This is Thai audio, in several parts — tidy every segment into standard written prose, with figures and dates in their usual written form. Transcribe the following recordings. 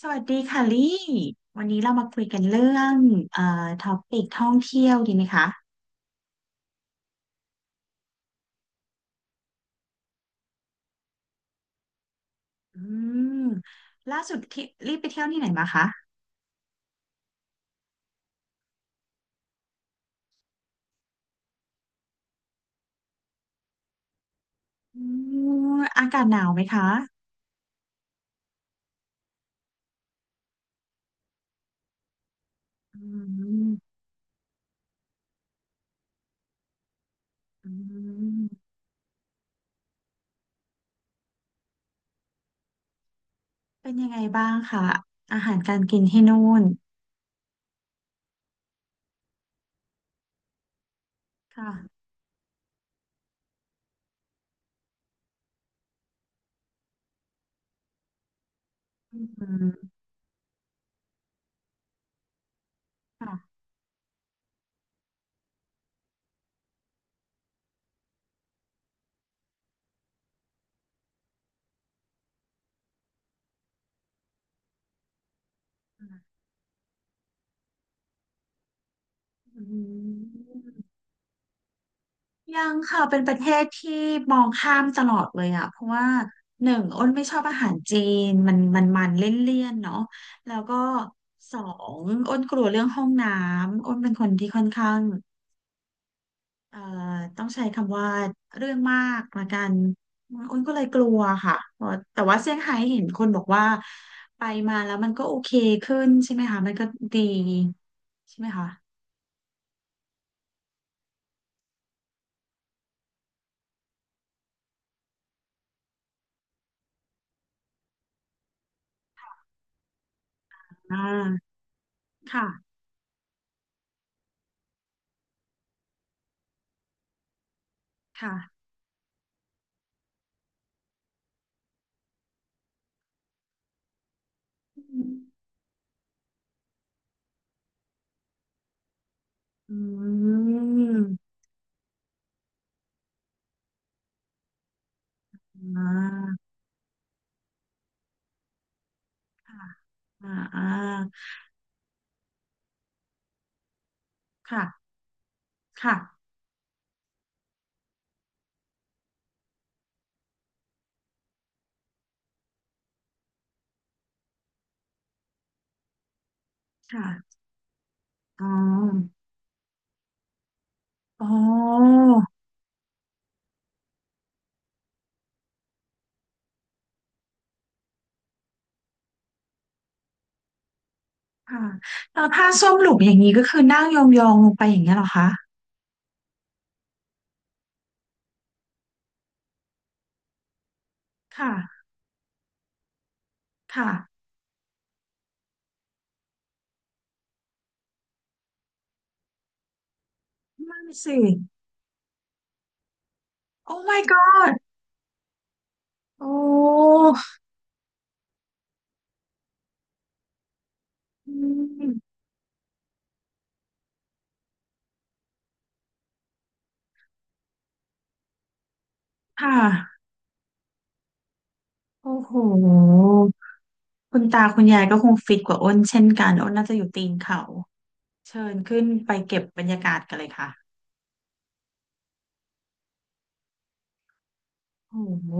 สวัสดีค่ะลี่ วันนี้เรามาคุยกันเรื่องเอ่อท็อปิกท่องเที่ยวดีไหมคะ อืมล่าสุดที่ลี่ไปเที่ยวที่ไหนมาคะอือากาศหนาวไหมคะ อืมอืมเป็นยังไงบ้างคะอาหารการกินที่นู่นค่ะ อืมค่ะอืม ยังค่ะเป็นประเทศที่มองข้ามตลอดเลยอ่ะเพราะว่าหนึ่งอ้นไม่ชอบอาหารจีนมันเลี่ยนๆเนาะแล้วก็สองอ้นกลัวเรื่องห้องน้ำอ้นเป็นคนที่ค่อนข้างเอ่อต้องใช้คำว่าเรื่องมากละกันอ้นก็เลยกลัวค่ะเพราะแต่ว่าเซี่ยงไฮ้เห็นคนบอกว่าไปมาแล้วมันก็โอเคขึ้นใช่ไหมคะมันก็ดีใช่ไหมคะอ่าค่ะค่ะอืม อ่าค่ะอ่าอ่าค่ะค่ะค่ะอ๋ออ๋อค่ะแล้วผ้าส้มหลุกอย่างนี้ก็คือนั่งยองๆลงไปอย่างเงี้ยเหรอคะค่ะค่ะไม่สิโอ้ my god โอ้อืมค่ะโอ้โห คุณตาคุณยายก็คงฟิตกว่าอ้นเช่นกันอ้นน่าจะอยู่ตีนเขาเชิญขึ้นไปเก็บบรรยากาศกันเลยค่ะโอ้โห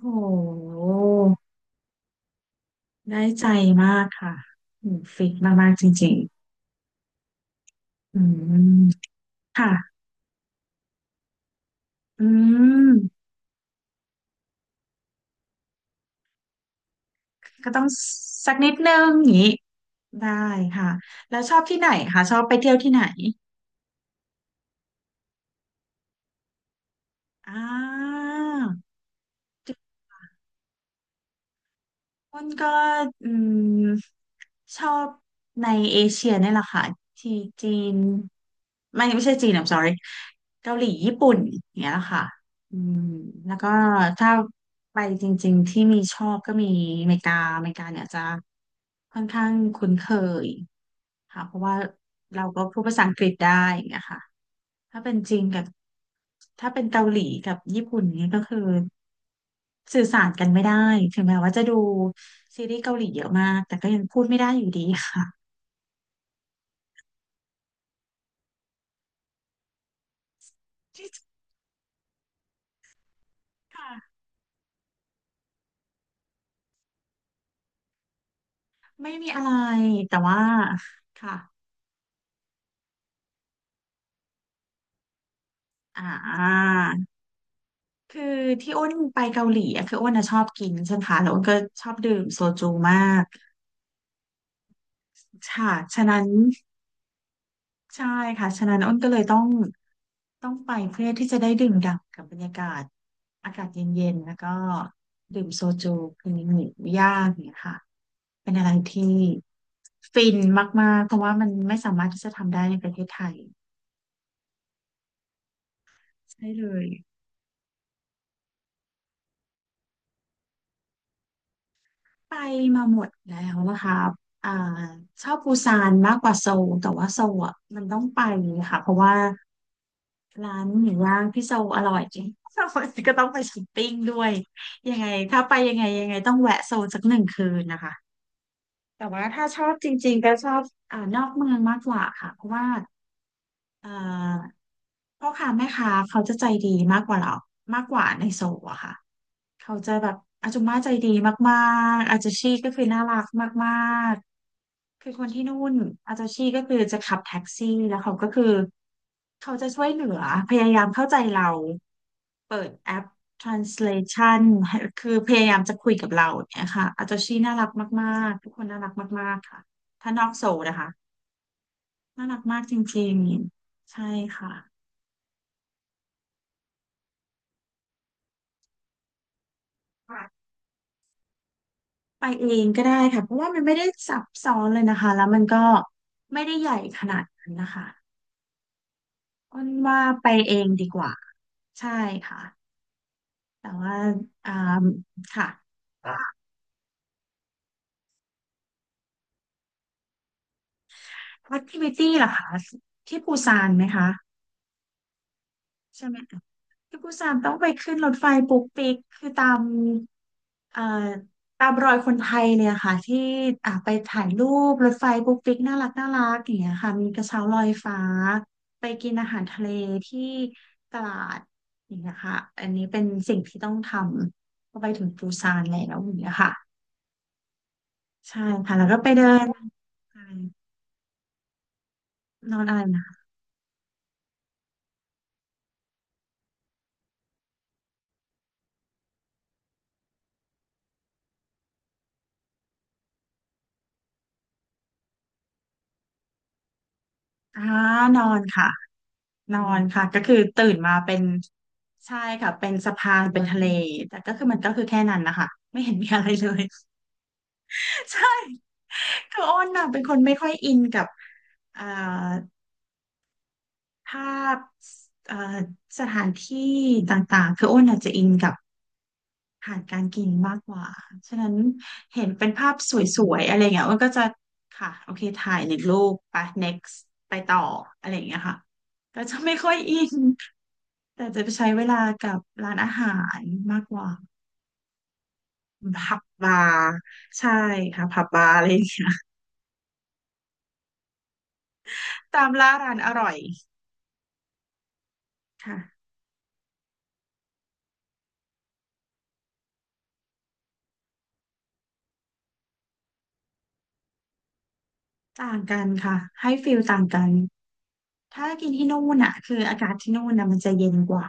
โอ้โห ได้ใจมากค่ะอืมฟิกมากๆจริงๆอืมค่ะ อืม ก็ต้องสักนิดนึงอย่างนี้ได้ค่ะ แล้วชอบที่ไหนคะชอบไปเที่ยวที่ไหนอ่า อ้นก็อืมชอบในเอเชียนี่แหละค่ะที่จีนไม่ไม่ใช่จีน I'm sorry เกาหลีญี่ปุ่นอย่างเงี้ยแหละค่ะอืมแล้วก็ถ้าไปจริงๆที่มีชอบก็มีอเมริกาอเมริกาเนี่ยจะค่อนข้างคุ้นเคยค่ะเพราะว่าเราก็พูดภาษาอังกฤษได้อย่างเงี้ยค่ะ ถ้าเป็นจีนกับถ้าเป็นเกาหลีกับญี่ปุ่นเนี่ยก็คือสื่อสารกันไม่ได้ถึงแม้ว่าจะดูซีรีส์เกาหลีเยอะมากแต่ก็ยังพูดไม่ได้อยู่ดีค่ะ ค่ะไม่มีอะไรแต่ว่าค่ะอ่าคือที่อ้นไปเกาหลีอะคืออ้นอะชอบกินใช่ไหมคะแล้วอ้นก็ชอบดื่มโซจูมากค่ะฉะนั้น ใช่ค่ะฉะนั้นอ้นก็เลยต้องต้องไปเพื่อที่จะได้ดื่มด่ำกับบรรยากาศอากาศเย็นๆ แล้วก็ดื่มโซจูคือหมูย่างอย่างเนี่ยค่ะเป็นอะไรที่ฟินมากๆ เพราะว่ามันไม่สามารถที่จะทำได้ในประเทศไทยใช่เลยไปมาหมดแล้วนะคะอ่าชอบปูซานมากกว่าโซลแต่ว่าโซลอ่ะมันต้องไปค่ะเพราะว่า ร้านหมูย่างพี่โซอร่อยจริง ก็ต้องไปช้อปปิ้งด้วยยังไงถ้าไปยังไงยังไงต้องแวะโซนสักหนึ่งคืนนะคะ แต่ว่าถ้าชอบจริงๆก็ชอบอ่านอกเมืองมากกว่าค่ะเพราะว่า เอ่าพ่อค้าแม่ค้าเขาจะใจดีมากกว่าเรามากกว่าในโซลอะค่ะเขาจะแบบอาจุม่าใจดีมากๆอาจาชีก็คือน่ารักมากๆคือคนที่นู่นอาจาชีก็คือจะขับแท็กซี่แล้วเขาก็คือเขาจะช่วยเหลือพยายามเข้าใจเราเปิดแอป translation ให้คือพยายามจะคุยกับเราเนี่ยค่ะอาจาชีน่ารักมากๆทุกคนน่ารักมากๆค่ะถ้านอกโซลนะคะน่ารักมากจริงๆใช่ค่ะ ค่ะไปเองก็ได้ค่ะเพราะว่ามันไม่ได้ซับซ้อนเลยนะคะแล้วมันก็ไม่ได้ใหญ่ขนาดนั้นนะคะอ้นว่าไปเองดีกว่าใช่ค่ะแต่ว่าอ่าค่ะแอคทิวิตี้ล่ะคะที่ปูซานไหมคะใช่ไหม ที่ปูซานต้องไปขึ้นรถไฟปุ๊กปิกคือตามเอ่อตามรอยคนไทยเนี่ยค่ะที่อ่ะไปถ่ายรูปรถไฟปุ๊กปิกน่ารักน่ารักอย่างเงี้ยค่ะมีกระเช้าลอยฟ้าไปกินอาหารทะเลที่ตลาดอย่างเงี้ยค่ะอันนี้เป็นสิ่งที่ต้องทำพอไปถึงปูซานแล้วอย่างเงี้ยค่ะใช่ค่ะแล้วก็ไปเดินนอนอะไรนะอ่านอนค่ะ นอนค่ะก็คือตื่นมาเป็นใช่ค่ะเป็นสะพานเป็นทะเลแต่ก็คือมันก็คือแค่นั้นนะคะไม่เห็นมีอะไรเลย ใช่คืออ้นน่ะเป็นคนไม่ค่อยอินกับเอ่อภาพเอ่อสถานที่ต่างๆคืออ้นอาจจะอินกับ ผ่านการกินมากกว่าฉะนั้นเห็นเป็นภาพสวยๆอะไรเงี้ยมันก็จะค่ะโอเคถ่ายหนึ่งรูปไป next ไปต่ออะไรอย่างเงี้ยค่ะก็จะไม่ค่อยอินแต่จะไปใช้เวลากับร้านอาหารมากกว่าผับบาร์ใช่ค่ะผับบาร์อะไรอย่างเงี้ยตามล่าร้านอร่อยค่ะต่างกันค่ะให้ฟิลต่างกันถ้ากินที่นู่นอ่ะคืออากาศที่นู่นนะมันจะเย็นกว่า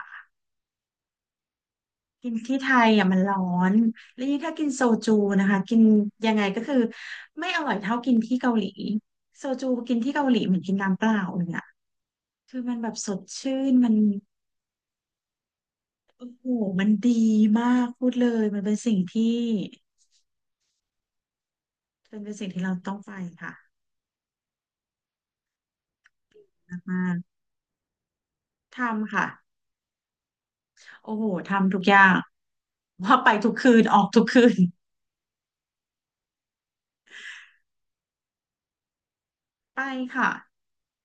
กินที่ไทยอ่ะมันร้อนแล้วยิ่งถ้ากินโซจูนะคะกินยังไงก็คือไม่อร่อยเท่ากินที่เกาหลีโซจูกินที่เกาหลีเหมือนกินน้ำเปล่าเลยอ่ะคือมันแบบสดชื่นมันโอ้โหมันดีมากพูดเลยมันเป็นสิ่งที่เป็นสิ่งที่เราต้องไปค่ะมากๆทำค่ะโอ้โหทำทุกอย่างว่าไปทุกคืนออกทุกคืนไปค่ะ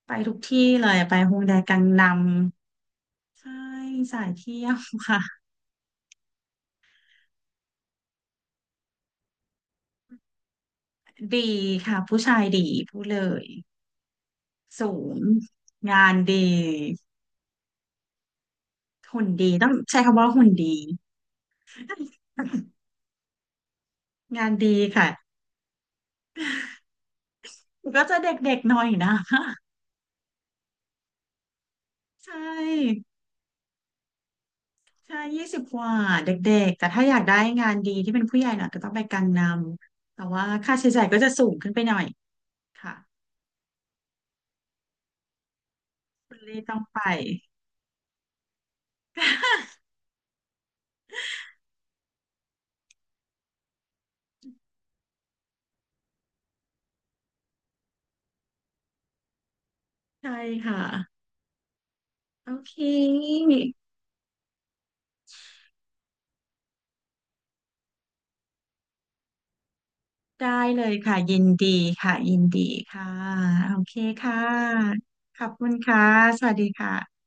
ไปทุกที่เลยไปฮงแดกังนำใช่สายเที่ยวค่ะ ดีค่ะผู้ชายดีพูดเลยสูงงานดีหุ่นดีต้องใช้คำว่าหุ่นดี งานดีค่ะก็จะเด็กๆหน่อยนะ ใช่ใช่20กว่าเด็กๆแต่ถ้าอยากได้งานดีที่เป็นผู้ใหญ่หน่อยก็ต้องไปกังนำแต่ว่าค่าใช้จ่ายก็จะสูงขึ้นไปหน่อยค่ะคุณเลยต้องไปใช่ค่ะโอเค ได้เลยค่ะยินดีค่ะยินดีค่ะโอเคค่ะขอบคุณค่ะสวัสดีค่ะ